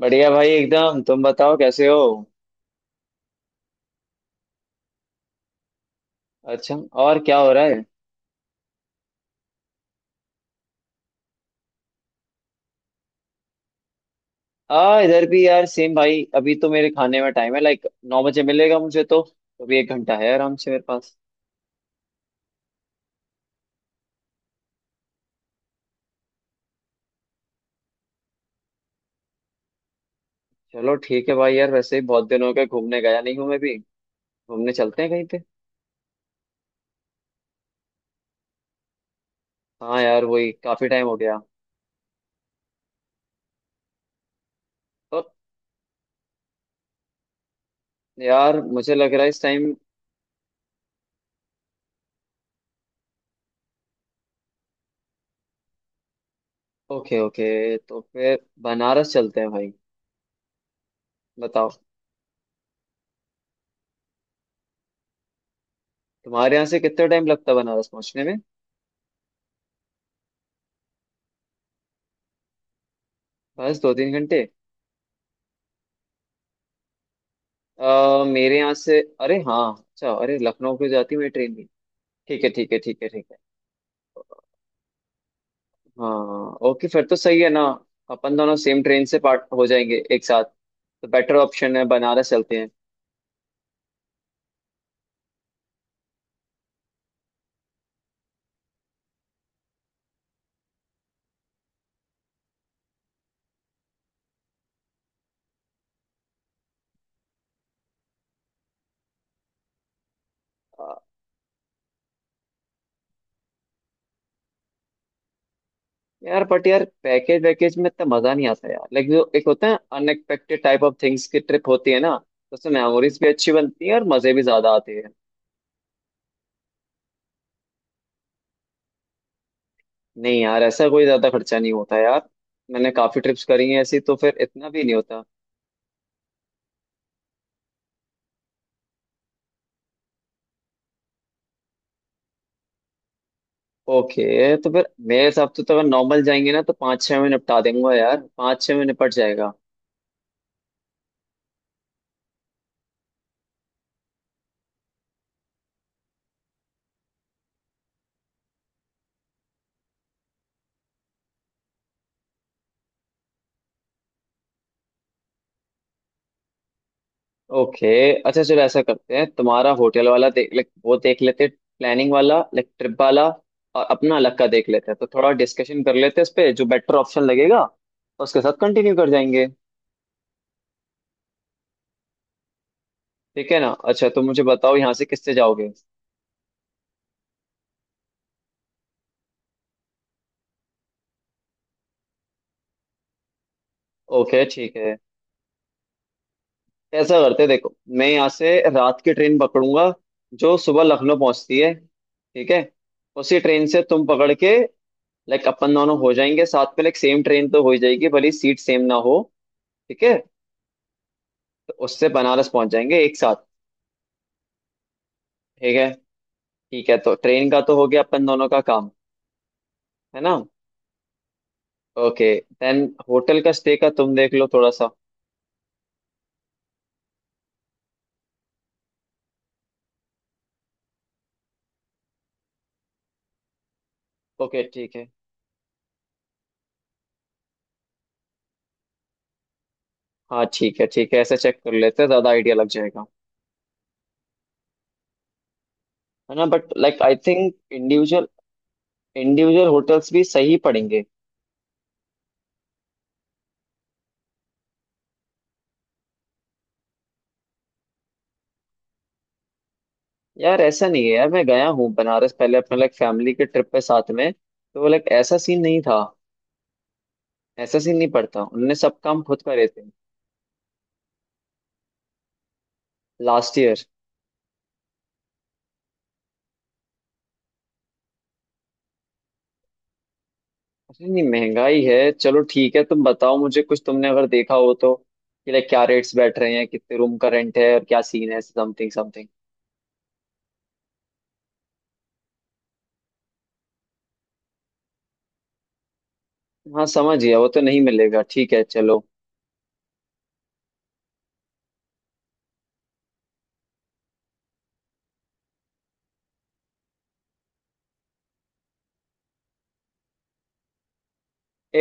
बढ़िया भाई एकदम। तुम बताओ कैसे हो। अच्छा। और क्या हो रहा है। आ इधर भी यार सेम भाई। अभी तो मेरे खाने में टाइम है लाइक 9 बजे मिलेगा मुझे तो। अभी 1 घंटा है आराम से मेरे पास। चलो ठीक है भाई। यार वैसे ही बहुत दिन हो गए घूमने गया नहीं हूं मैं भी। घूमने चलते हैं कहीं पे। हाँ यार वही काफी टाइम हो गया। तो यार मुझे लग रहा है इस टाइम। Okay, okay. तो फिर बनारस चलते हैं भाई। बताओ। तुम्हारे यहाँ से कितना टाइम लगता है बनारस पहुंचने में। बस 2-3 घंटे। मेरे यहाँ से, अरे हाँ अच्छा। अरे लखनऊ को जाती है मेरी ट्रेन भी। ठीक है, ठीक है, ठीक है, ठीक है। हाँ, ओके फिर तो सही है ना। अपन दोनों सेम ट्रेन से पार्ट हो जाएंगे एक साथ, तो बेटर ऑप्शन है, बनारस चलते हैं। अ, यार बट यार पैकेज वैकेज में इतना मजा नहीं आता यार। लाइक जो एक होता है अनएक्सपेक्टेड टाइप ऑफ थिंग्स की ट्रिप होती है ना, तो उसमें मेमोरीज भी अच्छी बनती है और मजे भी ज्यादा आते हैं। नहीं यार, ऐसा कोई ज्यादा खर्चा नहीं होता यार। मैंने काफी ट्रिप्स करी हैं ऐसी, तो फिर इतना भी नहीं होता। ओके, तो फिर मेरे हिसाब से तो अगर नॉर्मल जाएंगे ना, तो पाँच छः में निपटा देंगे यार, पाँच छः में निपट जाएगा। ओके। अच्छा चलो ऐसा करते हैं, तुम्हारा होटल वाला देख, लाइक वो देख लेते प्लानिंग वाला, लाइक ट्रिप वाला। और अपना अलग का देख लेते हैं, तो थोड़ा डिस्कशन कर लेते हैं इस पे, जो बेटर ऑप्शन लगेगा उसके साथ कंटिन्यू कर जाएंगे। ठीक है ना। अच्छा, तो मुझे बताओ यहाँ से किससे जाओगे। ओके ठीक है। ऐसा करते हैं, देखो मैं यहाँ से रात की ट्रेन पकड़ूंगा जो सुबह लखनऊ पहुंचती है, ठीक है। उसी ट्रेन से तुम पकड़ के, लाइक अपन दोनों हो जाएंगे साथ में। लाइक सेम ट्रेन तो हो ही जाएगी, भले सीट सेम ना हो। ठीक है। तो उससे बनारस पहुंच जाएंगे एक साथ। ठीक है। ठीक है, तो ट्रेन का तो हो गया अपन दोनों का काम, है ना। ओके। देन होटल का स्टे का तुम देख लो थोड़ा सा। ओके ठीक है। हाँ ठीक है, ठीक है, ऐसे चेक कर लेते हैं, ज्यादा आइडिया लग जाएगा। है ना। But like I think individual, individual hotels भी सही पड़ेंगे। यार ऐसा नहीं है यार, मैं गया हूँ बनारस पहले अपने लाइक फैमिली के ट्रिप पे साथ में, तो लाइक ऐसा सीन नहीं था। ऐसा सीन नहीं पड़ता, उनने सब काम खुद करे थे। Last year. अरे नहीं, महंगाई है, चलो ठीक है। तुम बताओ मुझे कुछ, तुमने अगर देखा हो तो। कि लाइक क्या रेट्स बैठ रहे हैं, कितने रूम का रेंट है और क्या सीन है, समथिंग समथिंग। हाँ, समझ गया, वो तो नहीं मिलेगा, ठीक है चलो।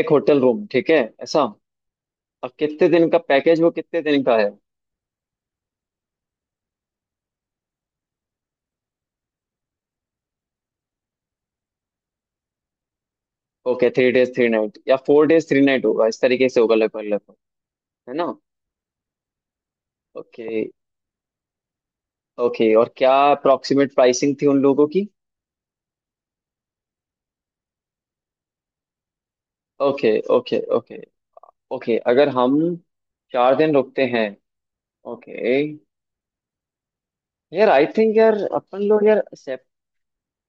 एक होटल रूम, ठीक है ऐसा। और कितने दिन का पैकेज, वो कितने दिन का है। ओके, 3 डेज 3 नाइट या 4 डेज 3 नाइट होगा, इस तरीके से होगा लगभग लगभग, है ना। ओके, ओके, और क्या अप्रोक्सीमेट प्राइसिंग थी उन लोगों की। Okay, okay, okay. ओके, अगर हम 4 दिन रुकते हैं। ओके। यार आई थिंक यार, अपन लोग यार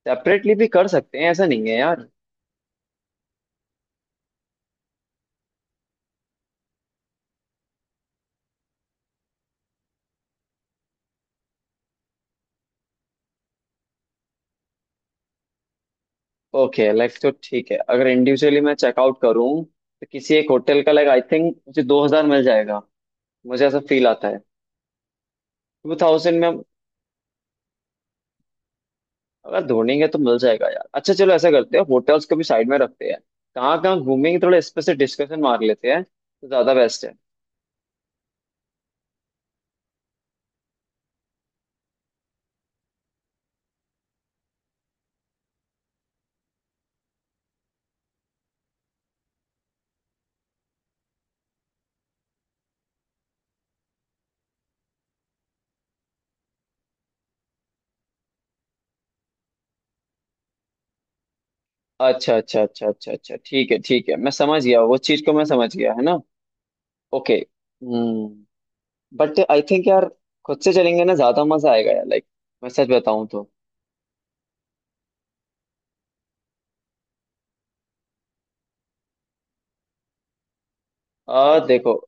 सेपरेटली भी कर सकते हैं, ऐसा नहीं है यार। ओके, लाइक तो ठीक है, अगर इंडिविजुअली मैं चेकआउट करूँ तो किसी एक होटल का लाइक आई थिंक मुझे 2,000 मिल जाएगा, मुझे ऐसा फील आता है। 2,000 में हम अगर ढूंढेंगे तो मिल जाएगा यार। अच्छा चलो ऐसा करते हैं, होटल्स को भी साइड में रखते हैं, कहाँ कहाँ घूमेंगे थोड़ा इस पे से डिस्कशन मार लेते हैं तो ज़्यादा बेस्ट है। अच्छा, अच्छा, अच्छा, अच्छा, अच्छा, ठीक है, ठीक है, मैं समझ गया, वो चीज़ को मैं समझ गया, है ना। Okay. Hmm. But I think यार, खुद से चलेंगे ना ज्यादा मजा आएगा यार, लाइक मैं सच बताऊं तो। आ देखो।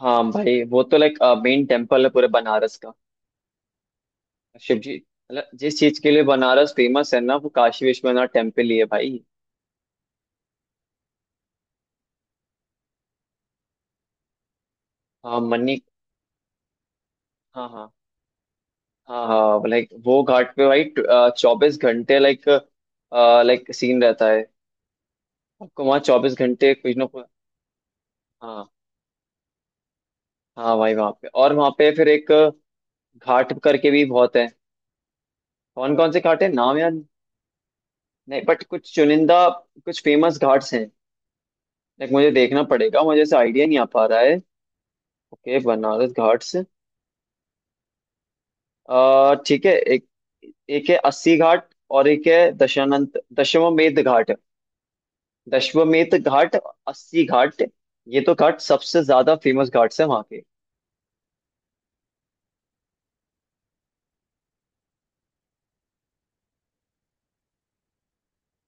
हाँ भाई, वो तो लाइक मेन टेम्पल है पूरे बनारस का। शिव जी, मतलब जिस चीज के लिए बनारस फेमस है ना, वो काशी विश्वनाथ टेम्पल ही है भाई। हाँ मन्नी हाँ, हाँ, हाँ, हाँ, लाइक वो घाट पे भाई 24 घंटे लाइक, लाइक सीन रहता है, आपको वहाँ 24 घंटे कुछ ना कुछ। हाँ। हाँ भाई वहाँ पे, और वहाँ पे फिर एक घाट करके भी बहुत है। कौन कौन से घाट है नाम याद नहीं, बट कुछ चुनिंदा, कुछ फेमस घाट्स हैं। लाइक मुझे देखना पड़ेगा, मुझे ऐसे आइडिया नहीं आ पा रहा है। ओके बनारस घाट्स। ठीक है। एक, एक है अस्सी घाट, और एक है दशानंत दशवमेध घाट। दशवमेध घाट, अस्सी घाट, ये तो घाट सबसे ज्यादा फेमस घाट्स है वहाँ के।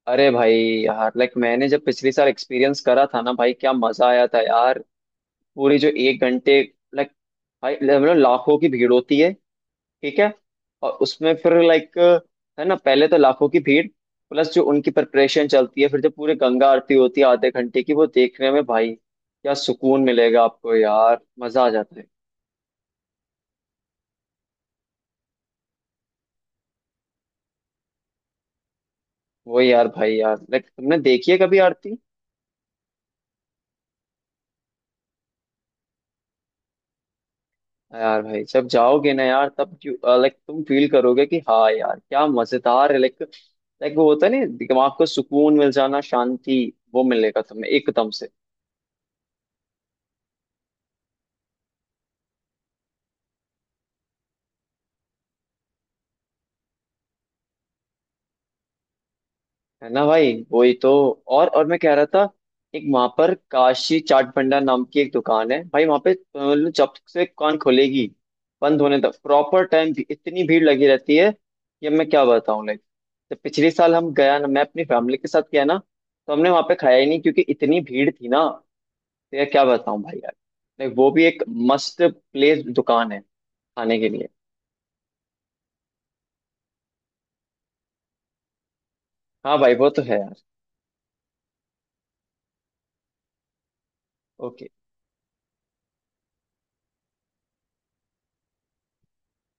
अरे भाई यार, लाइक मैंने जब पिछले साल एक्सपीरियंस करा था ना भाई क्या मजा आया था यार। पूरी जो 1 घंटे, लाइक, भाई मतलब लाखों की भीड़ होती है। ठीक है। और उसमें फिर, लाइक है ना, पहले तो लाखों की भीड़, प्लस जो उनकी प्रिपरेशन चलती है, फिर जो पूरे गंगा आरती होती है आधे घंटे की, वो देखने में भाई क्या सुकून मिलेगा आपको यार, मजा आ जाता है। वो यार, भाई यार, लाइक तुमने देखी है कभी आरती। हाँ यार भाई, जब जाओगे ना यार तब लाइक तुम फील करोगे कि हाँ यार क्या मजेदार है, लाइक लाइक वो होता है ना, दिमाग को सुकून मिल जाना शांति। वो मिलेगा तुम्हें एकदम से। है ना भाई, वही तो। और मैं कह रहा था, एक वहां पर काशी चाट भंडार नाम की एक दुकान है भाई, वहां पे मतलब जब से दुकान खुलेगी बंद होने तक प्रॉपर टाइम भी इतनी भीड़ लगी रहती है, कि अब मैं क्या बताऊं लाइक। जब पिछले साल हम गया ना, मैं अपनी फैमिली के साथ गया ना, तो हमने वहां पे खाया ही नहीं क्योंकि इतनी भीड़ थी ना। तो यार क्या बताऊं भाई यार, लाइक वो भी एक मस्त प्लेस दुकान है खाने के लिए। हाँ भाई वो तो है यार। ओके।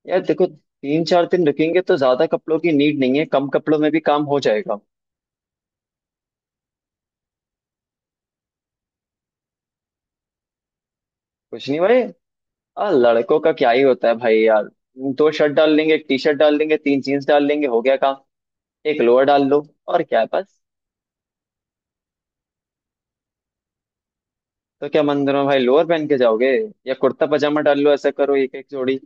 यार देखो 3-4 दिन रुकेंगे तो ज्यादा कपड़ों की नीड नहीं है, कम कपड़ों में भी काम हो जाएगा। कुछ नहीं भाई। आ लड़कों का क्या ही होता है भाई यार, दो शर्ट डाल लेंगे, एक टी शर्ट डाल लेंगे, तीन जींस डाल लेंगे, हो गया काम। एक लोअर डाल लो और क्या है, बस। तो क्या मंदिर में भाई लोअर पहन के जाओगे, या कुर्ता पजामा डाल लो, ऐसा करो एक एक जोड़ी।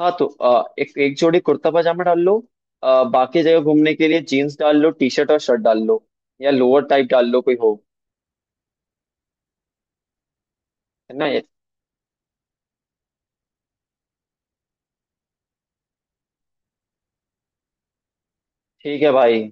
हाँ, तो एक एक जोड़ी कुर्ता पजामा डाल लो, बाकी जगह घूमने के लिए जीन्स डाल लो, टी शर्ट और शर्ट डाल लो, या लोअर टाइप डाल लो कोई हो। है ना ये। ठीक है भाई।